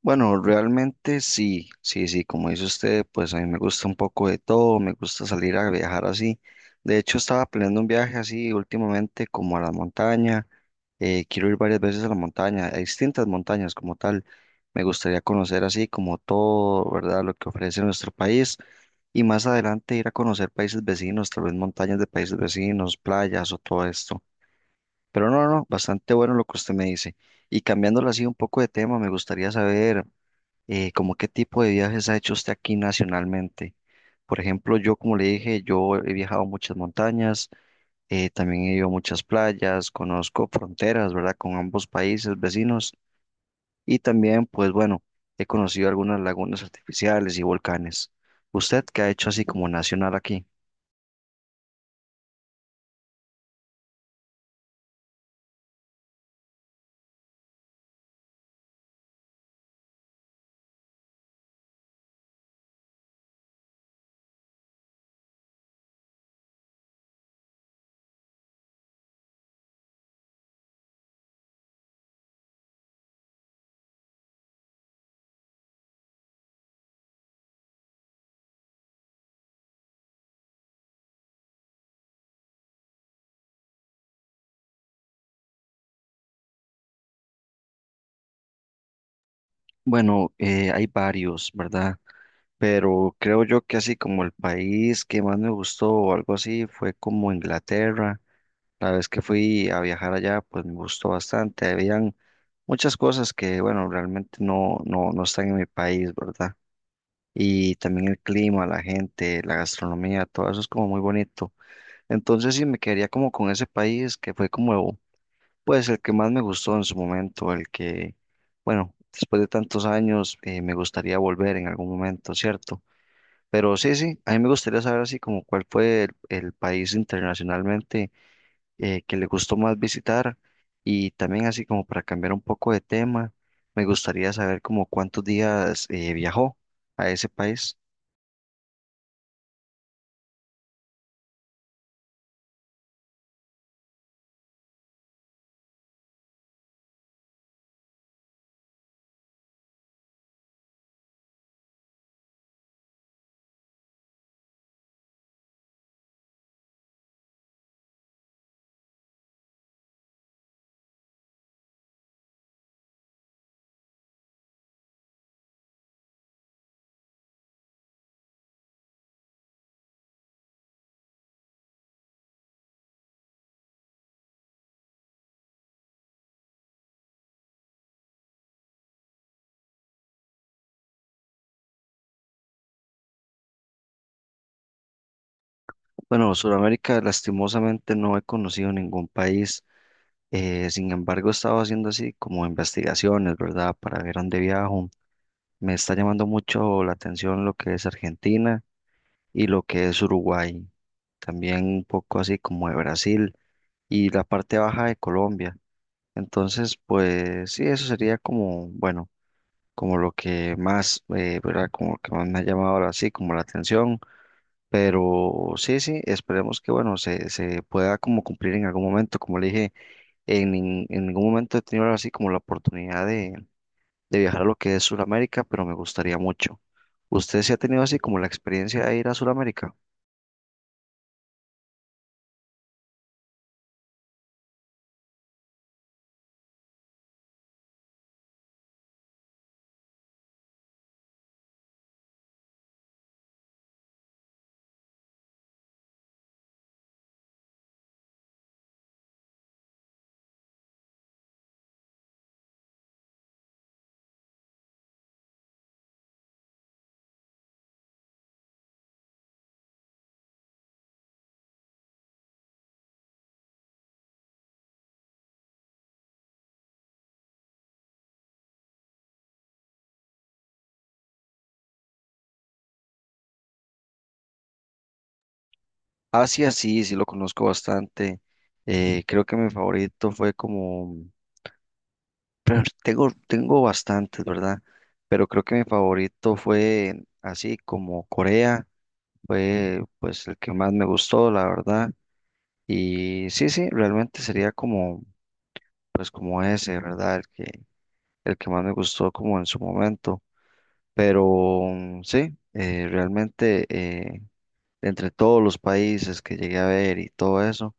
Bueno, realmente sí, sí, sí, como dice usted, pues a mí me gusta un poco de todo, me gusta salir a viajar así. De hecho, estaba planeando un viaje así últimamente como a la montaña. Quiero ir varias veces a la montaña, a distintas montañas como tal. Me gustaría conocer así como todo, ¿verdad? Lo que ofrece nuestro país y más adelante ir a conocer países vecinos, tal vez montañas de países vecinos, playas o todo esto. Pero no, no, bastante bueno lo que usted me dice. Y cambiándolo así un poco de tema, me gustaría saber como qué tipo de viajes ha hecho usted aquí nacionalmente. Por ejemplo, yo como le dije, yo he viajado a muchas montañas, también he ido a muchas playas, conozco fronteras, ¿verdad? Con ambos países vecinos y también, pues bueno, he conocido algunas lagunas artificiales y volcanes. ¿Usted qué ha hecho así como nacional aquí? Bueno, hay varios, ¿verdad? Pero creo yo que así como el país que más me gustó o algo así fue como Inglaterra. La vez que fui a viajar allá, pues me gustó bastante. Habían muchas cosas que, bueno, realmente no, no, no están en mi país, ¿verdad? Y también el clima, la gente, la gastronomía, todo eso es como muy bonito. Entonces sí me quedaría como con ese país que fue como, pues el que más me gustó en su momento, el que, bueno, después de tantos años me gustaría volver en algún momento, ¿cierto? Pero sí, sí, a mí me gustaría saber así como cuál fue el país internacionalmente que le gustó más visitar y también así como para cambiar un poco de tema, me gustaría saber como cuántos días viajó a ese país. Bueno, Sudamérica lastimosamente no he conocido ningún país, sin embargo he estado haciendo así como investigaciones, ¿verdad? Para ver dónde viajo. Me está llamando mucho la atención lo que es Argentina y lo que es Uruguay, también un poco así como de Brasil y la parte baja de Colombia. Entonces, pues sí, eso sería como, bueno, como lo que más, ¿verdad? Como lo que más me ha llamado ahora sí, como la atención. Pero sí, sí, esperemos que, bueno, se pueda como cumplir en algún momento. Como le dije, en ningún momento he tenido ahora sí como la oportunidad de viajar a lo que es Sudamérica, pero me gustaría mucho. ¿Usted sí ha tenido así como la experiencia de ir a Sudamérica? Asia sí, sí lo conozco bastante. Creo que mi favorito fue como. Pero tengo, tengo bastantes, ¿verdad? Pero creo que mi favorito fue así como Corea, fue pues el que más me gustó, la verdad. Y sí, sí, realmente sería como, pues como ese, ¿verdad? El que más me gustó como en su momento. Pero mm, sí, realmente entre todos los países que llegué a ver y todo eso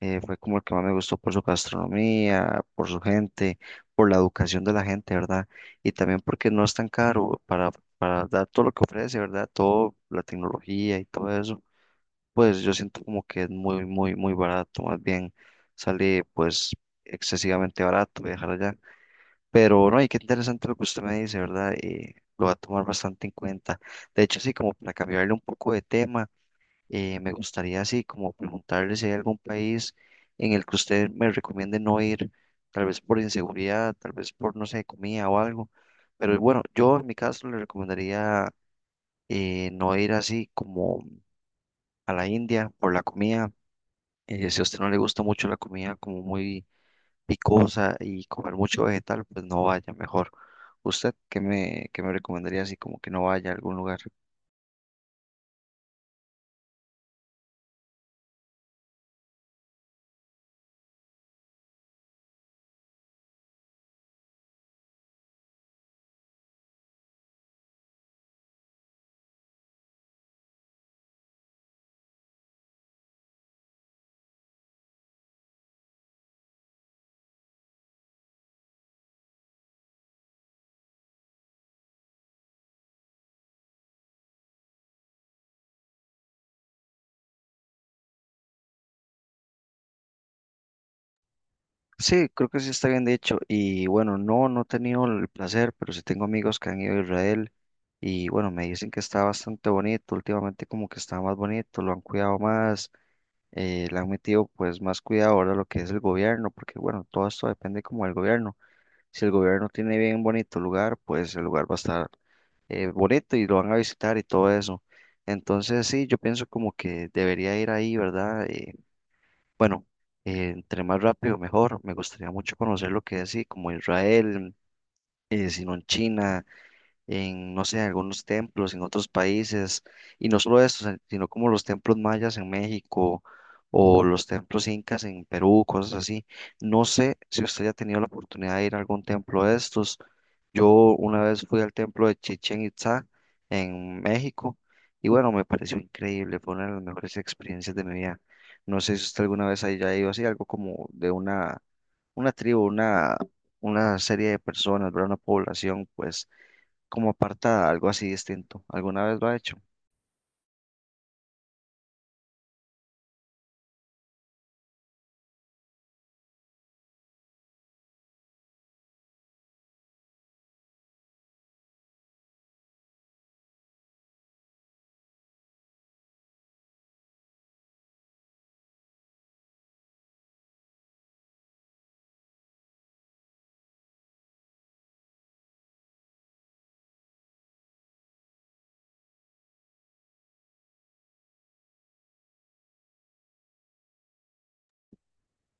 fue como el que más me gustó por su gastronomía, por su gente, por la educación de la gente, ¿verdad? Y también porque no es tan caro para dar todo lo que ofrece, ¿verdad? Todo, la tecnología y todo eso, pues yo siento como que es muy, muy, muy barato, más bien sale pues excesivamente barato viajar allá. Pero no, y qué interesante lo que usted me dice, ¿verdad? Lo va a tomar bastante en cuenta. De hecho, sí, como para cambiarle un poco de tema. Me gustaría así como preguntarle si hay algún país en el que usted me recomiende no ir, tal vez por inseguridad, tal vez por, no sé, comida o algo. Pero bueno, yo en mi caso le recomendaría no ir así como a la India por la comida. Si a usted no le gusta mucho la comida como muy picosa y comer mucho vegetal, pues no vaya mejor. ¿Usted qué me recomendaría así como que no vaya a algún lugar? Sí, creo que sí está bien dicho. Y bueno, no, no he tenido el placer, pero sí tengo amigos que han ido a Israel y bueno, me dicen que está bastante bonito. Últimamente como que está más bonito, lo han cuidado más, le han metido pues más cuidado ahora lo que es el gobierno, porque bueno, todo esto depende como del gobierno. Si el gobierno tiene bien bonito lugar, pues el lugar va a estar bonito y lo van a visitar y todo eso. Entonces sí, yo pienso como que debería ir ahí, ¿verdad? Bueno, entre más rápido mejor. Me gustaría mucho conocer lo que es así como Israel, si no en China, en, no sé, en algunos templos en otros países, y no solo eso, sino como los templos mayas en México o los templos incas en Perú, cosas así. No sé si usted ya ha tenido la oportunidad de ir a algún templo de estos. Yo una vez fui al templo de Chichén Itzá en México y bueno, me pareció increíble, fue una de las mejores experiencias de mi vida. No sé si usted alguna vez haya ido así, algo como de una tribu, una serie de personas, ¿verdad? Una población, pues como apartada, algo así distinto. ¿Alguna vez lo ha hecho?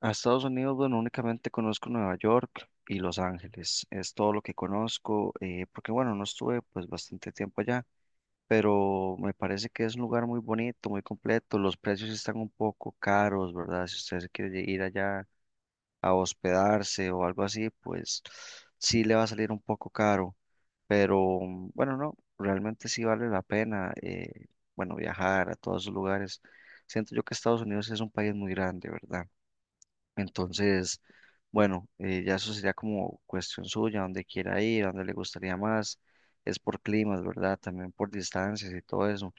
A Estados Unidos, bueno, únicamente conozco Nueva York y Los Ángeles. Es todo lo que conozco, porque bueno, no estuve pues bastante tiempo allá, pero me parece que es un lugar muy bonito, muy completo. Los precios sí están un poco caros, ¿verdad? Si usted se quiere ir allá a hospedarse o algo así, pues sí le va a salir un poco caro, pero mm, bueno, no, realmente sí vale la pena, bueno, viajar a todos esos lugares. Siento yo que Estados Unidos es un país muy grande, ¿verdad? Entonces, bueno, ya eso sería como cuestión suya, dónde quiera ir, dónde le gustaría más. Es por climas, ¿verdad? También por distancias y todo eso.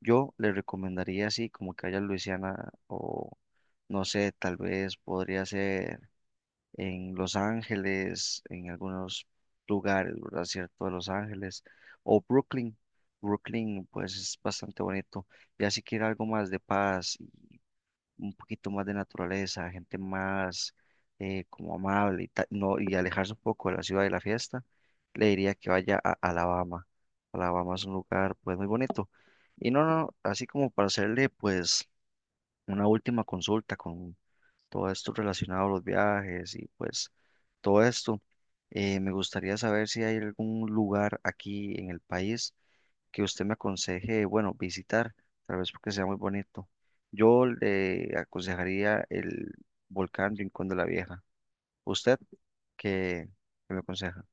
Yo le recomendaría así, como que vaya a Luisiana o no sé, tal vez podría ser en Los Ángeles, en algunos lugares, ¿verdad? Cierto, de Los Ángeles, o Brooklyn. Brooklyn, pues es bastante bonito. Ya si quiere algo más de paz y un poquito más de naturaleza, gente más como amable no, y alejarse un poco de la ciudad y la fiesta, le diría que vaya a Alabama. Alabama es un lugar pues muy bonito. Y no, no, no, así como para hacerle pues una última consulta con todo esto relacionado a los viajes y pues todo esto. Me gustaría saber si hay algún lugar aquí en el país que usted me aconseje, bueno, visitar, tal vez porque sea muy bonito. Yo le aconsejaría el volcán Rincón de la Vieja. ¿Usted qué, qué me aconseja?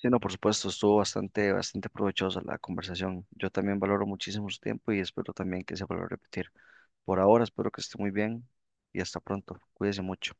Sí, no, por supuesto, estuvo bastante, bastante provechosa la conversación. Yo también valoro muchísimo su tiempo y espero también que se vuelva a repetir. Por ahora, espero que esté muy bien y hasta pronto. Cuídese mucho.